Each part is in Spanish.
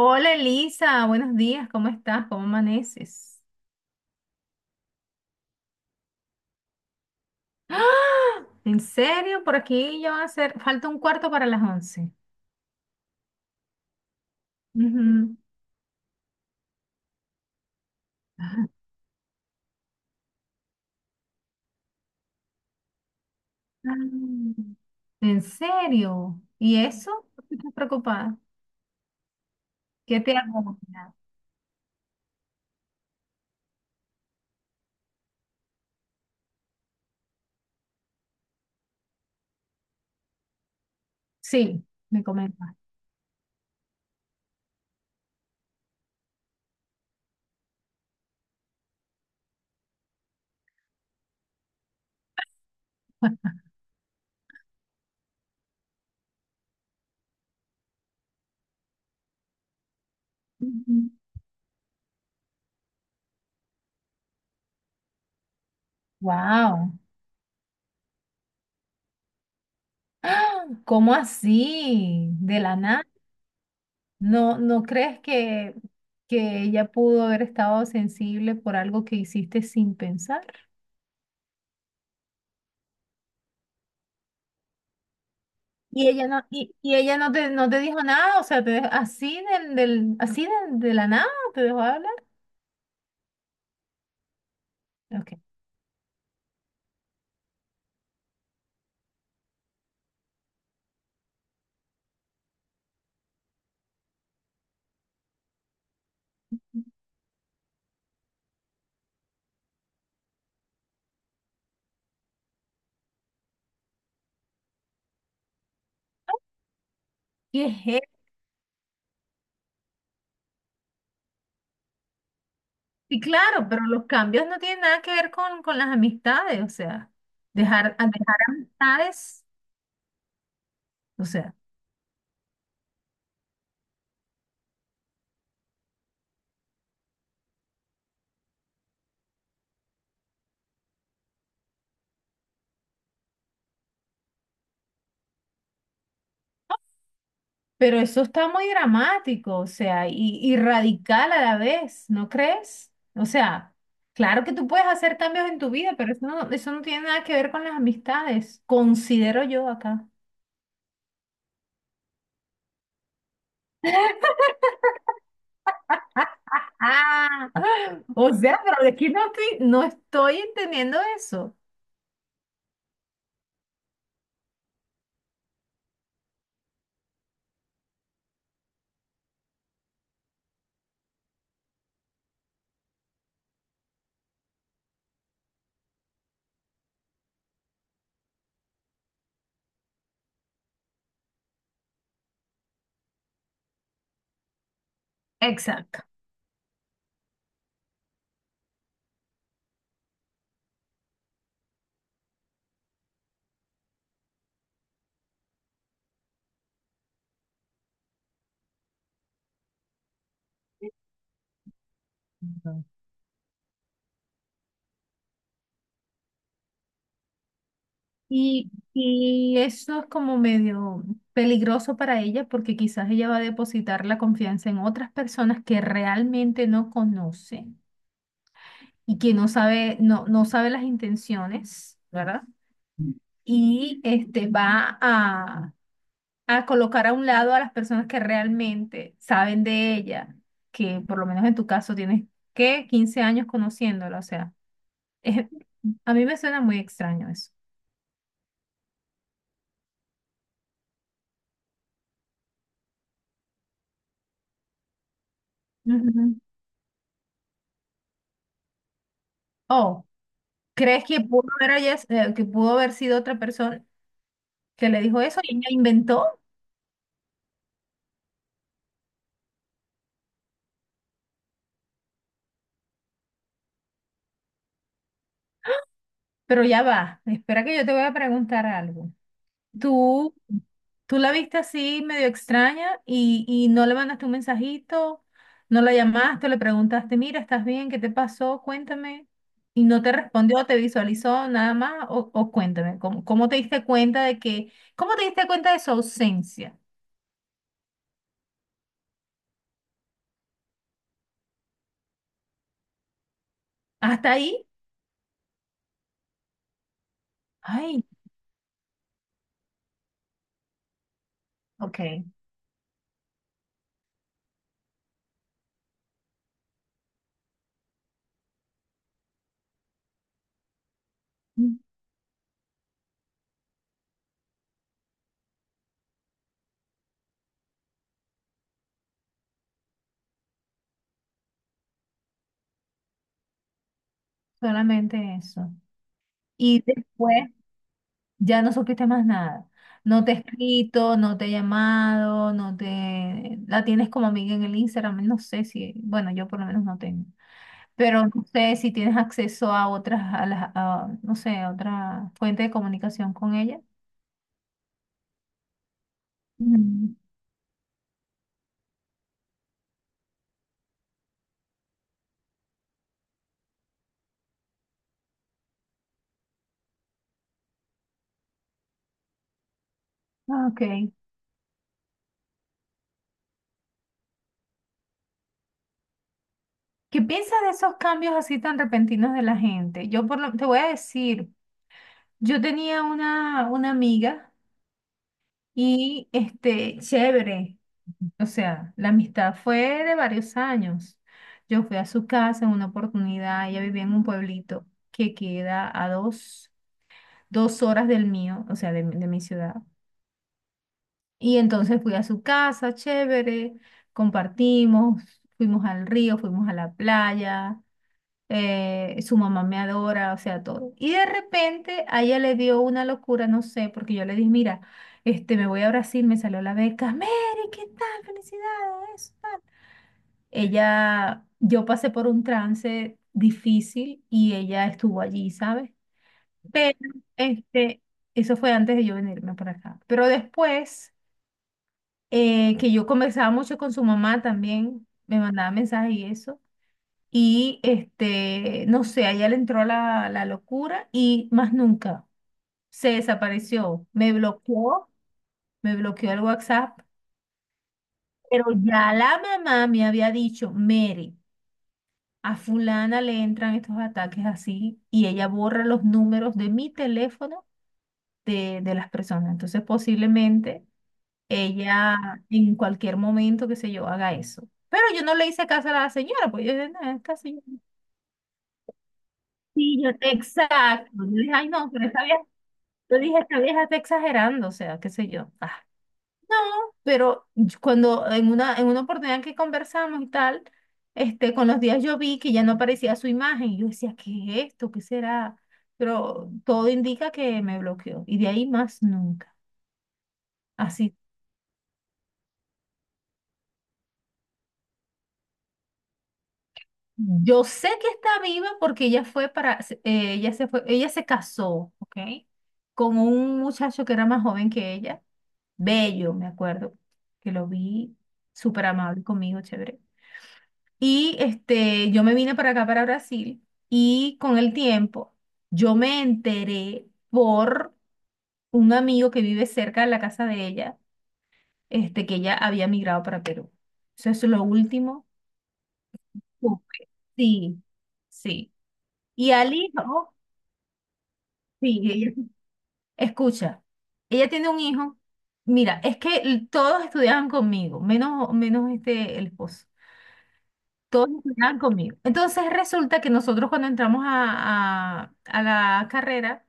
Hola Elisa, buenos días, ¿cómo estás? ¿Cómo amaneces? ¡Ah! ¿En serio? Por aquí ya van a ser, falta un cuarto para las 11. Ujú. Ah, ¿en serio? ¿Y eso? ¿Por qué estás preocupada? ¿Qué te ha comentado? Sí, me comentas. Wow. ¿Cómo así? De la nada. ¿No, no crees que ella pudo haber estado sensible por algo que hiciste sin pensar? Y ella no te, no te dijo nada, o sea, te dejó así del, así de la nada, te dejó de hablar. Okay. ¿Qué es eso? Sí, claro, pero los cambios no tienen nada que ver con las amistades, o sea, dejar, a dejar amistades, o sea, pero eso está muy dramático, o sea, y radical a la vez, ¿no crees? O sea, claro que tú puedes hacer cambios en tu vida, pero eso no tiene nada que ver con las amistades, considero yo acá. Ah, o sea, pero de aquí no estoy entendiendo eso. Exacto. Y eso es como medio peligroso para ella porque quizás ella va a depositar la confianza en otras personas que realmente no conoce y que no sabe, no, no sabe las intenciones, ¿verdad? Y este va a colocar a un lado a las personas que realmente saben de ella, que por lo menos en tu caso tienes, ¿qué? 15 años conociéndola, o sea. Es- a mí me suena muy extraño eso. Ujú. Oh, ¿crees que pudo haber sido otra persona que le dijo eso y ella inventó? Pero ya va, espera que yo te voy a preguntar algo. ¿Tú, tú la viste así medio extraña y no le mandaste un mensajito, no la llamaste, le preguntaste, mira, ¿estás bien? ¿Qué te pasó? Cuéntame. Y no te respondió, te visualizó nada más o cuéntame, ¿cómo te diste cuenta de que, cómo te diste cuenta de su ausencia? ¿Hasta ahí? Ay, ok. Mm. Solamente eso. Y después ya no supiste más nada. No te he escrito, no te he llamado, no te... La tienes como amiga en el Instagram, no sé si... Bueno, yo por lo menos no tengo. Pero no sé si tienes acceso a otras, a las, a, no sé, a otra fuente de comunicación con ella. Mm. Ok. ¿Qué piensas de esos cambios así tan repentinos de la gente? Te voy a decir, yo tenía una amiga. Y este, chévere, o sea, la amistad fue de varios años. Yo fui a su casa en una oportunidad, ella vivía en un pueblito que queda a dos horas del mío, o sea, de mi ciudad. Y entonces fui a su casa, chévere, compartimos, fuimos al río, fuimos a la playa, su mamá me adora, o sea, todo. Y de repente a ella le dio una locura, no sé, porque yo le dije, mira, este, me voy a Brasil, me salió la beca, Mary, ¿qué tal? Felicidades. Ella, yo pasé por un trance difícil y ella estuvo allí, ¿sabes? Pero, este, eso fue antes de yo venirme para acá. Pero después, que yo conversaba mucho con su mamá también, me mandaba mensajes y eso. Y este, no sé, a ella le entró la locura y más nunca se desapareció. Me bloqueó el WhatsApp. Pero ya la mamá me había dicho, Mary, a fulana le entran estos ataques así y ella borra los números de mi teléfono de las personas. Entonces posiblemente ella en cualquier momento, qué sé yo, haga eso. Pero yo no le hice caso a la señora, pues yo dije, no, esta señora. Sí, yo, exacto. Yo dije, ay, no, pero esta vieja. Yo dije, esta vieja está exagerando, o sea, qué sé yo. Ah, pero cuando en una, oportunidad que conversamos y tal, este, con los días yo vi que ya no aparecía su imagen. Y yo decía, ¿qué es esto? ¿Qué será? Pero todo indica que me bloqueó. Y de ahí más nunca. Así. Yo sé que está viva porque ella se fue, ella se casó, ¿ok? Con un muchacho que era más joven que ella, bello, me acuerdo, que lo vi súper amable conmigo, chévere. Y este, yo me vine para acá, para Brasil, y con el tiempo yo me enteré por un amigo que vive cerca de la casa de ella, este, que ella había migrado para Perú. Eso es lo último que supe. Sí, sí. Y al hijo, sí, escucha, ella tiene un hijo. Mira, es que todos estudiaban conmigo, menos este, el esposo. Todos estudiaban conmigo. Entonces resulta que nosotros cuando entramos a la carrera,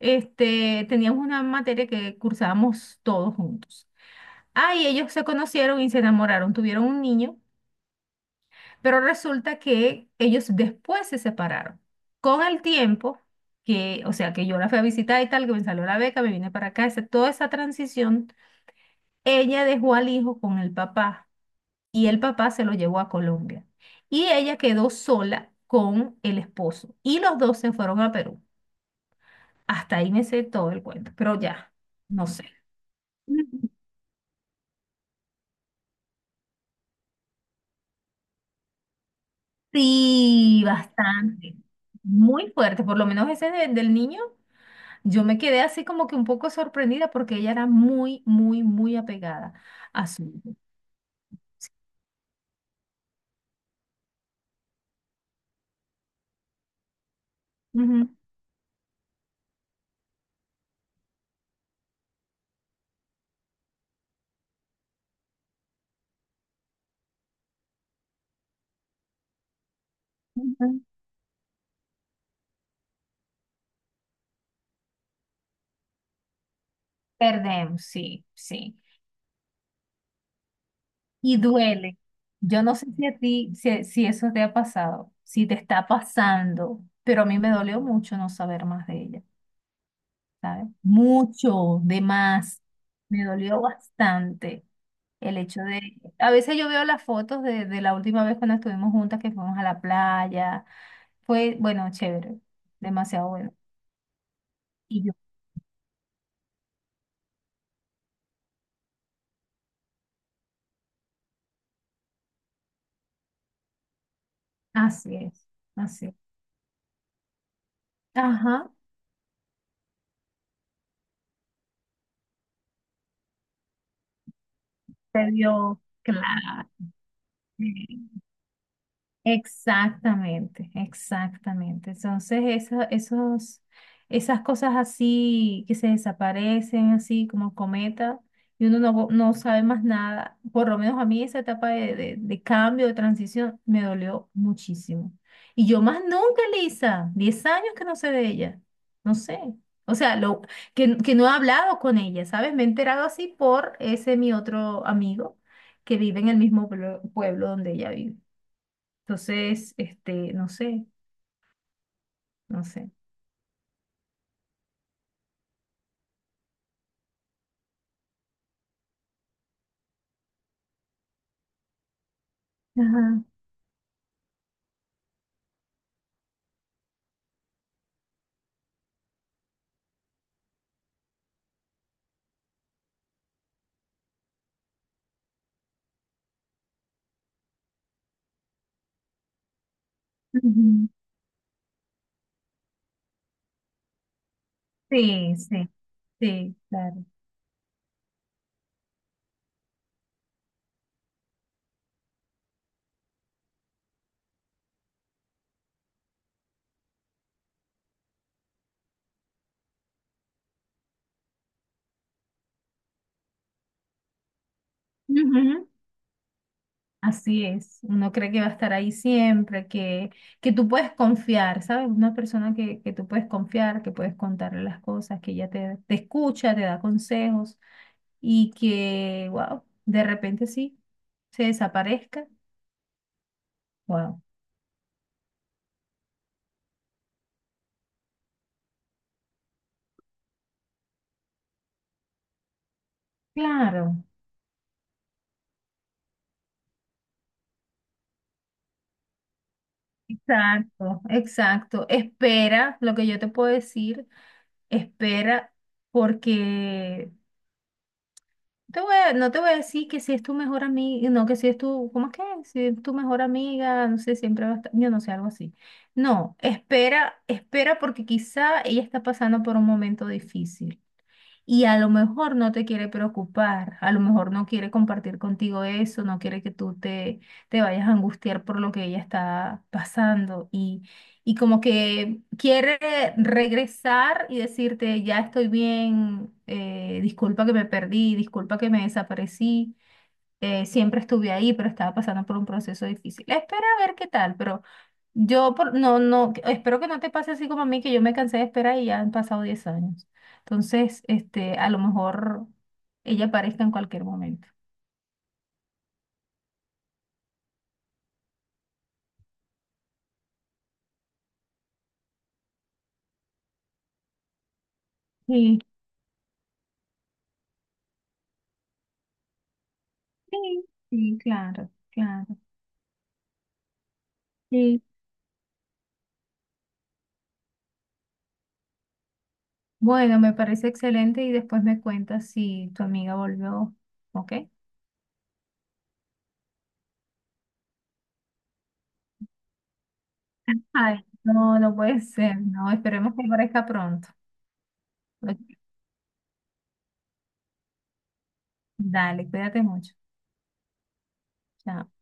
este, teníamos una materia que cursábamos todos juntos. Ah, y ellos se conocieron y se enamoraron, tuvieron un niño, pero resulta que ellos después se separaron. Con el tiempo, que, o sea, que yo la fui a visitar y tal, que me salió la beca, me vine para acá, toda esa transición, ella dejó al hijo con el papá, y el papá se lo llevó a Colombia. Y ella quedó sola con el esposo y los dos se fueron a Perú. Hasta ahí me sé todo el cuento, pero ya, no sé. Sí, bastante. Muy fuerte, por lo menos ese del niño, yo me quedé así como que un poco sorprendida porque ella era muy, muy, muy apegada a su hijo. Ujú. Ujú. Perdemos, sí, sí. Y duele. Yo no sé si a ti, si eso te ha pasado, si te está pasando, pero a mí me dolió mucho no saber más de ella, ¿sabes? Mucho de más. Me dolió bastante el hecho de... A veces yo veo las fotos de la última vez cuando estuvimos juntas, que fuimos a la playa. Fue, bueno, chévere, demasiado bueno. Y yo, así es, así es. Ajá, se vio, claro. Sí. Exactamente, exactamente. Entonces, esos, esas cosas así que se desaparecen, así como cometa, y uno no, no sabe más nada, por lo menos a mí esa etapa de cambio, de transición, me dolió muchísimo. Y yo más nunca, Lisa, 10 años que no sé de ella, no sé. O sea, lo, que no he hablado con ella, ¿sabes? Me he enterado así por ese mi otro amigo que vive en el mismo pueblo donde ella vive. Entonces, este, no sé, no sé. Ajá. Ujú. Sí, sí, sí, claro. Ujú. Así es. Uno cree que va a estar ahí siempre, que, tú puedes confiar, ¿sabes? Una persona que tú puedes confiar, que puedes contarle las cosas, que ella te, te escucha, te da consejos y que, wow, de repente sí, se desaparezca. Wow. Claro, exacto, exacto. Espera, lo que yo te puedo decir. Espera, porque te voy a- no te voy a decir que si es tu mejor amiga, no, que si es tu, ¿cómo es que? Si es tu mejor amiga, no sé, siempre va a estar, yo no sé, algo así. No, espera, espera porque quizá ella está pasando por un momento difícil y a lo mejor no te quiere preocupar, a lo mejor no quiere compartir contigo eso, no quiere que tú te vayas a angustiar por lo que ella está pasando y como que quiere regresar y decirte, ya estoy bien, disculpa que me perdí, disculpa que me desaparecí, siempre estuve ahí, pero estaba pasando por un proceso difícil. Espera a ver qué tal, pero no, no, espero que no te pase así como a mí, que yo me cansé de esperar y ya han pasado 10 años. Entonces, este, a lo mejor ella aparezca en cualquier momento. Sí, sí, sí, claro, claro. Sí. Bueno, me parece excelente y después me cuentas si tu amiga volvió, ¿ok? Ay, no, no puede ser, no, esperemos que aparezca pronto. Ok, dale, cuídate mucho. Chao.